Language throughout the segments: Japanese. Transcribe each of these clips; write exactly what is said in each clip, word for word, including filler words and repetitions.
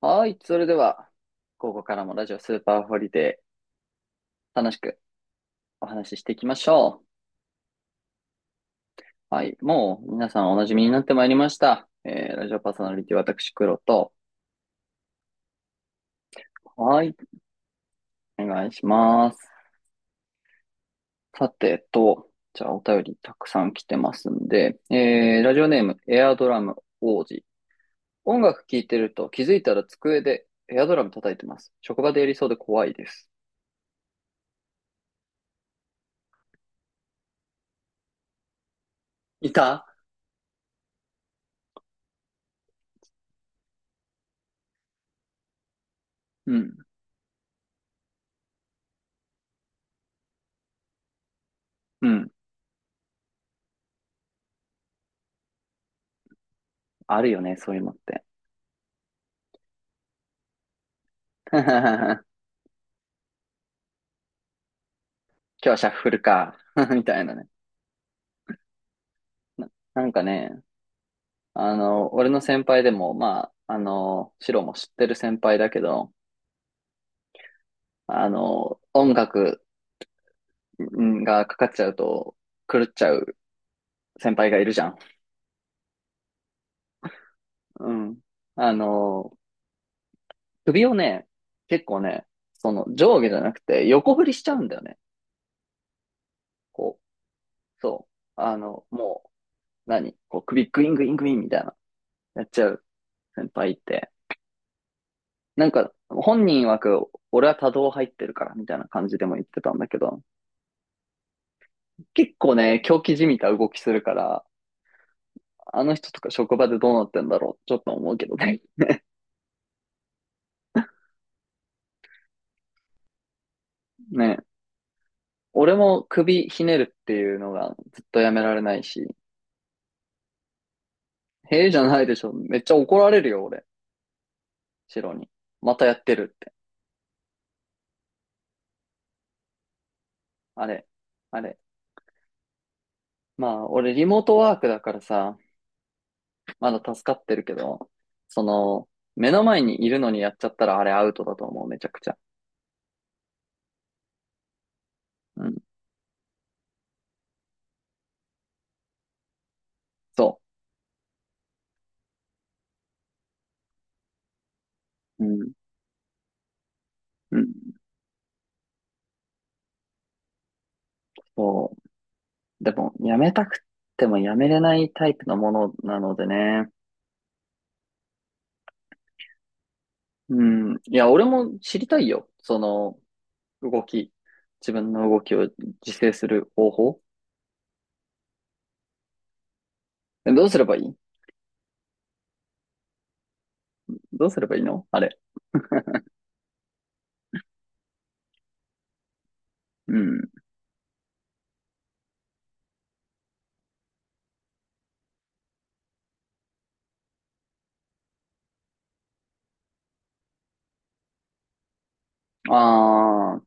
はい。それでは、ここからもラジオスーパーホリデー、楽しくお話ししていきましょう。はい。もう、皆さんお馴染みになってまいりました。えー、ラジオパーソナリティ、私、黒と。はい。お願いします。さてと、じゃあ、お便りたくさん来てますんで、えー、ラジオネーム、エアドラム王子。音楽聴いてると気づいたら机でエアドラム叩いてます。職場でやりそうで怖いです。いたうん。うん。あるよね、そういうのって。今日はシャッフルか、みたいなね。な、なんかね、あの、俺の先輩でも、まあ、あの、シロも知ってる先輩だけど、あの、音楽んがかかっちゃうと狂っちゃう先輩がいるじゃん。うん。あの、首をね、結構ね、その上下じゃなくて横振りしちゃうんだよね。こう、そう。あの、もう、何こう首グイングイングインみたいな、やっちゃう先輩って。なんか、本人曰く、俺は多動入ってるから、みたいな感じでも言ってたんだけど、結構ね、狂気じみた動きするから、あの人とか職場でどうなってんだろう、ちょっと思うけどね。ね。俺も首ひねるっていうのがずっとやめられないし、へえじゃないでしょ。めっちゃ怒られるよ、俺。シロに。またやってるって。あれ、あれ。まあ、俺リモートワークだからさ、まだ助かってるけど、その、目の前にいるのにやっちゃったらあれアウトだと思う、めちゃくちゃ。うん。そう。うん、うん、そう。でも、やめたくてもやめれないタイプのものなのでね。うん。いや、俺も知りたいよ。その、動き。自分の動きを自制する方法。えどうすればいいどうすればいいのあれ。うん。あー、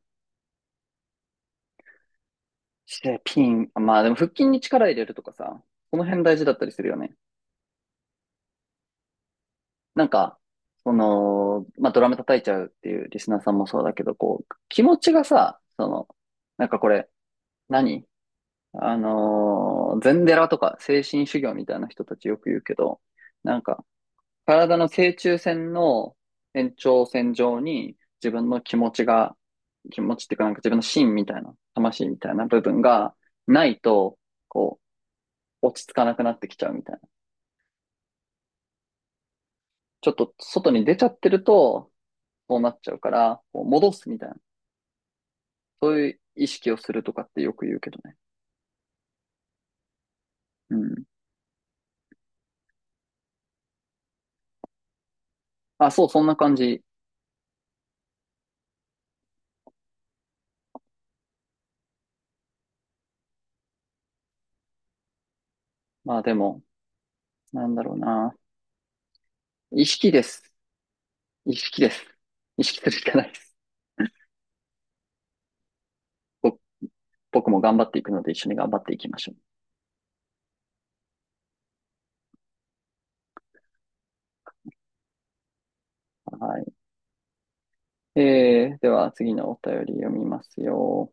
してピン。まあでも腹筋に力入れるとかさ、この辺大事だったりするよね。なんか、その、まあドラム叩いちゃうっていうリスナーさんもそうだけど、こう、気持ちがさ、その、なんかこれ、何あのー禅寺とか精神修行みたいな人たちよく言うけど、なんか、体の正中線の延長線上に自分の気持ちが、気持ちっていうかなんか自分の心みたいな、魂みたいな部分がないと、こう、落ち着かなくなってきちゃうみたいな。ちょっと外に出ちゃってると、そうなっちゃうから、こう戻すみたいな。そういう意識をするとかってよく言うけどね。うん。あ、そう、そんな感じ。まあでも、なんだろうな。意識です。意識です。意識するしかないです。ぼ僕も頑張っていくので一緒に頑張っていきましょう。はい。えー、では次のお便り読みますよ。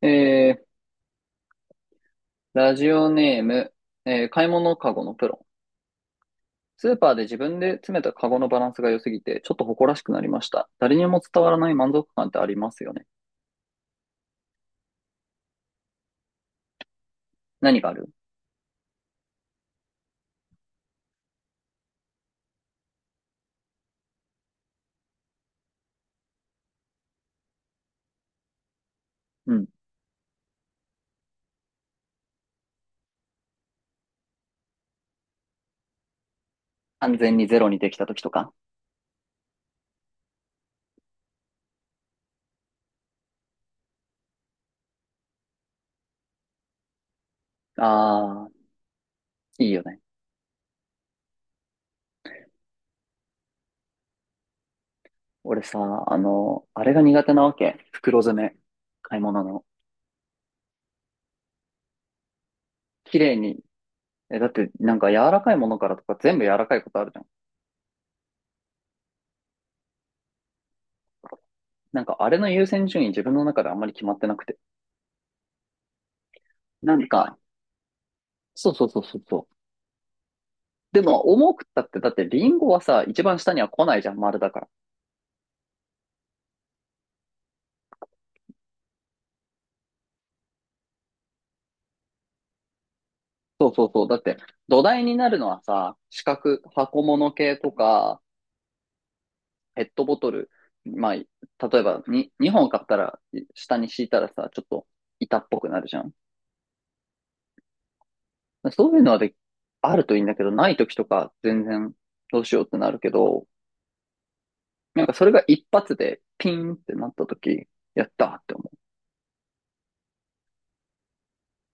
えー、ラジオネーム、えー、買い物カゴのプロ。スーパーで自分で詰めたカゴのバランスが良すぎて、ちょっと誇らしくなりました。誰にも伝わらない満足感ってありますよね。何があるうん。安全にゼロにできた時とか。あー、いいよね。俺さ、あの、あれが苦手なわけ。袋詰め。買い物の。綺麗にえ、だって、なんか柔らかいものからとか全部柔らかいことあるじゃん。なんかあれの優先順位自分の中であんまり決まってなくて。なんか、そうそうそうそうそう。でも、重くったって、だってリンゴはさ、一番下には来ないじゃん、丸だから。そうそうそう。だって、土台になるのはさ、四角、箱物系とか、ペットボトル。まあ、例えばに、にほん買ったら、下に敷いたらさ、ちょっと板っぽくなるじゃん。そういうのはで、あるといいんだけど、ない時とか全然どうしようってなるけど、なんかそれが一発でピンってなった時、やったーって思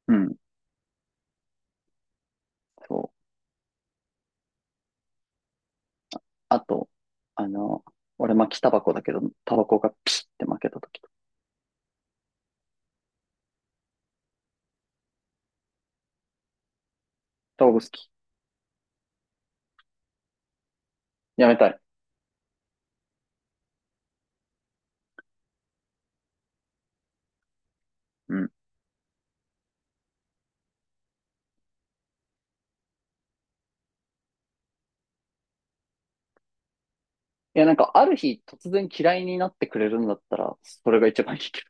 う。うん。そう。あと、あの、俺巻きタバコだけど、タバコがピシって負けた時。タバコ好き。やめたい。うん。いや、なんかある日突然嫌いになってくれるんだったら、それが一番いいけ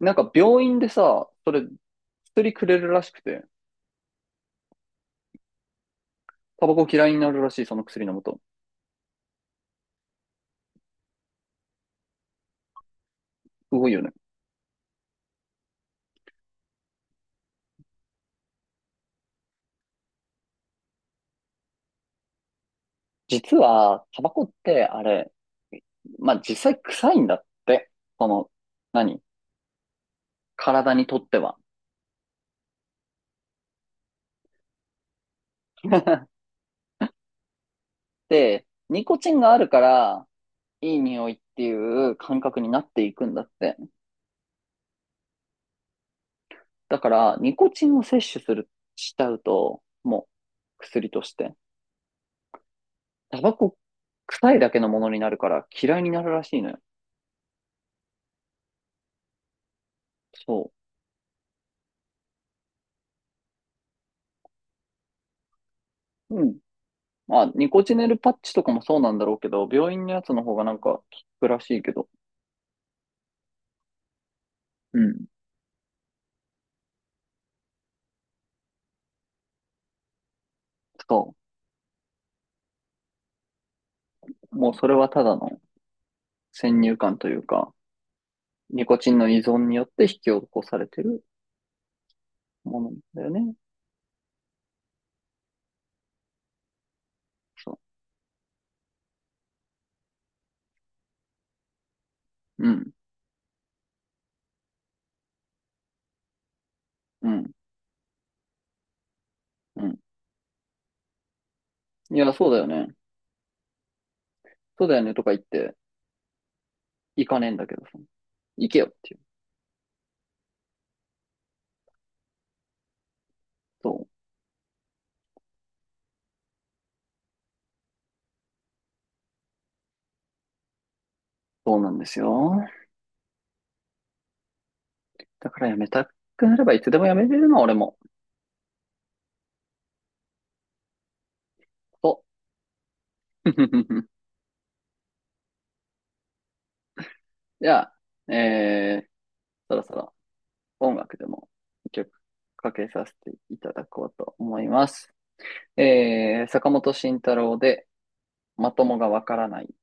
ど。なんか病院でさ、それ、薬くれるらしくて、タバコ嫌いになるらしい、その薬飲むと。すごいよね。実は、タバコってあれ、まあ実際臭いんだって。その、何体にとっては。ってニコチンがあるからいい匂いっていう感覚になっていくんだって。だからニコチンを摂取する、しちゃうともう薬として。タバコ臭いだけのものになるから嫌いになるらしいのよ。そう。うん。まあ、ニコチネルパッチとかもそうなんだろうけど、病院のやつの方がなんか効くらしいけど。うん。そう。もうそれはただの先入観というか、ニコチンの依存によって引き起こされてるものだよね。そう。うん。うん。うん。いや、そうだよね。そうだよねとか言って、行かねえんだけどさ。行けよっていう。そう。そうなんですよ。だからやめたくなればいつでもやめれるの、俺も。そう。じゃあ、えー、そろそろ音楽でも一曲かけさせていただこうと思います。えー、坂本慎太郎でまともがわからない。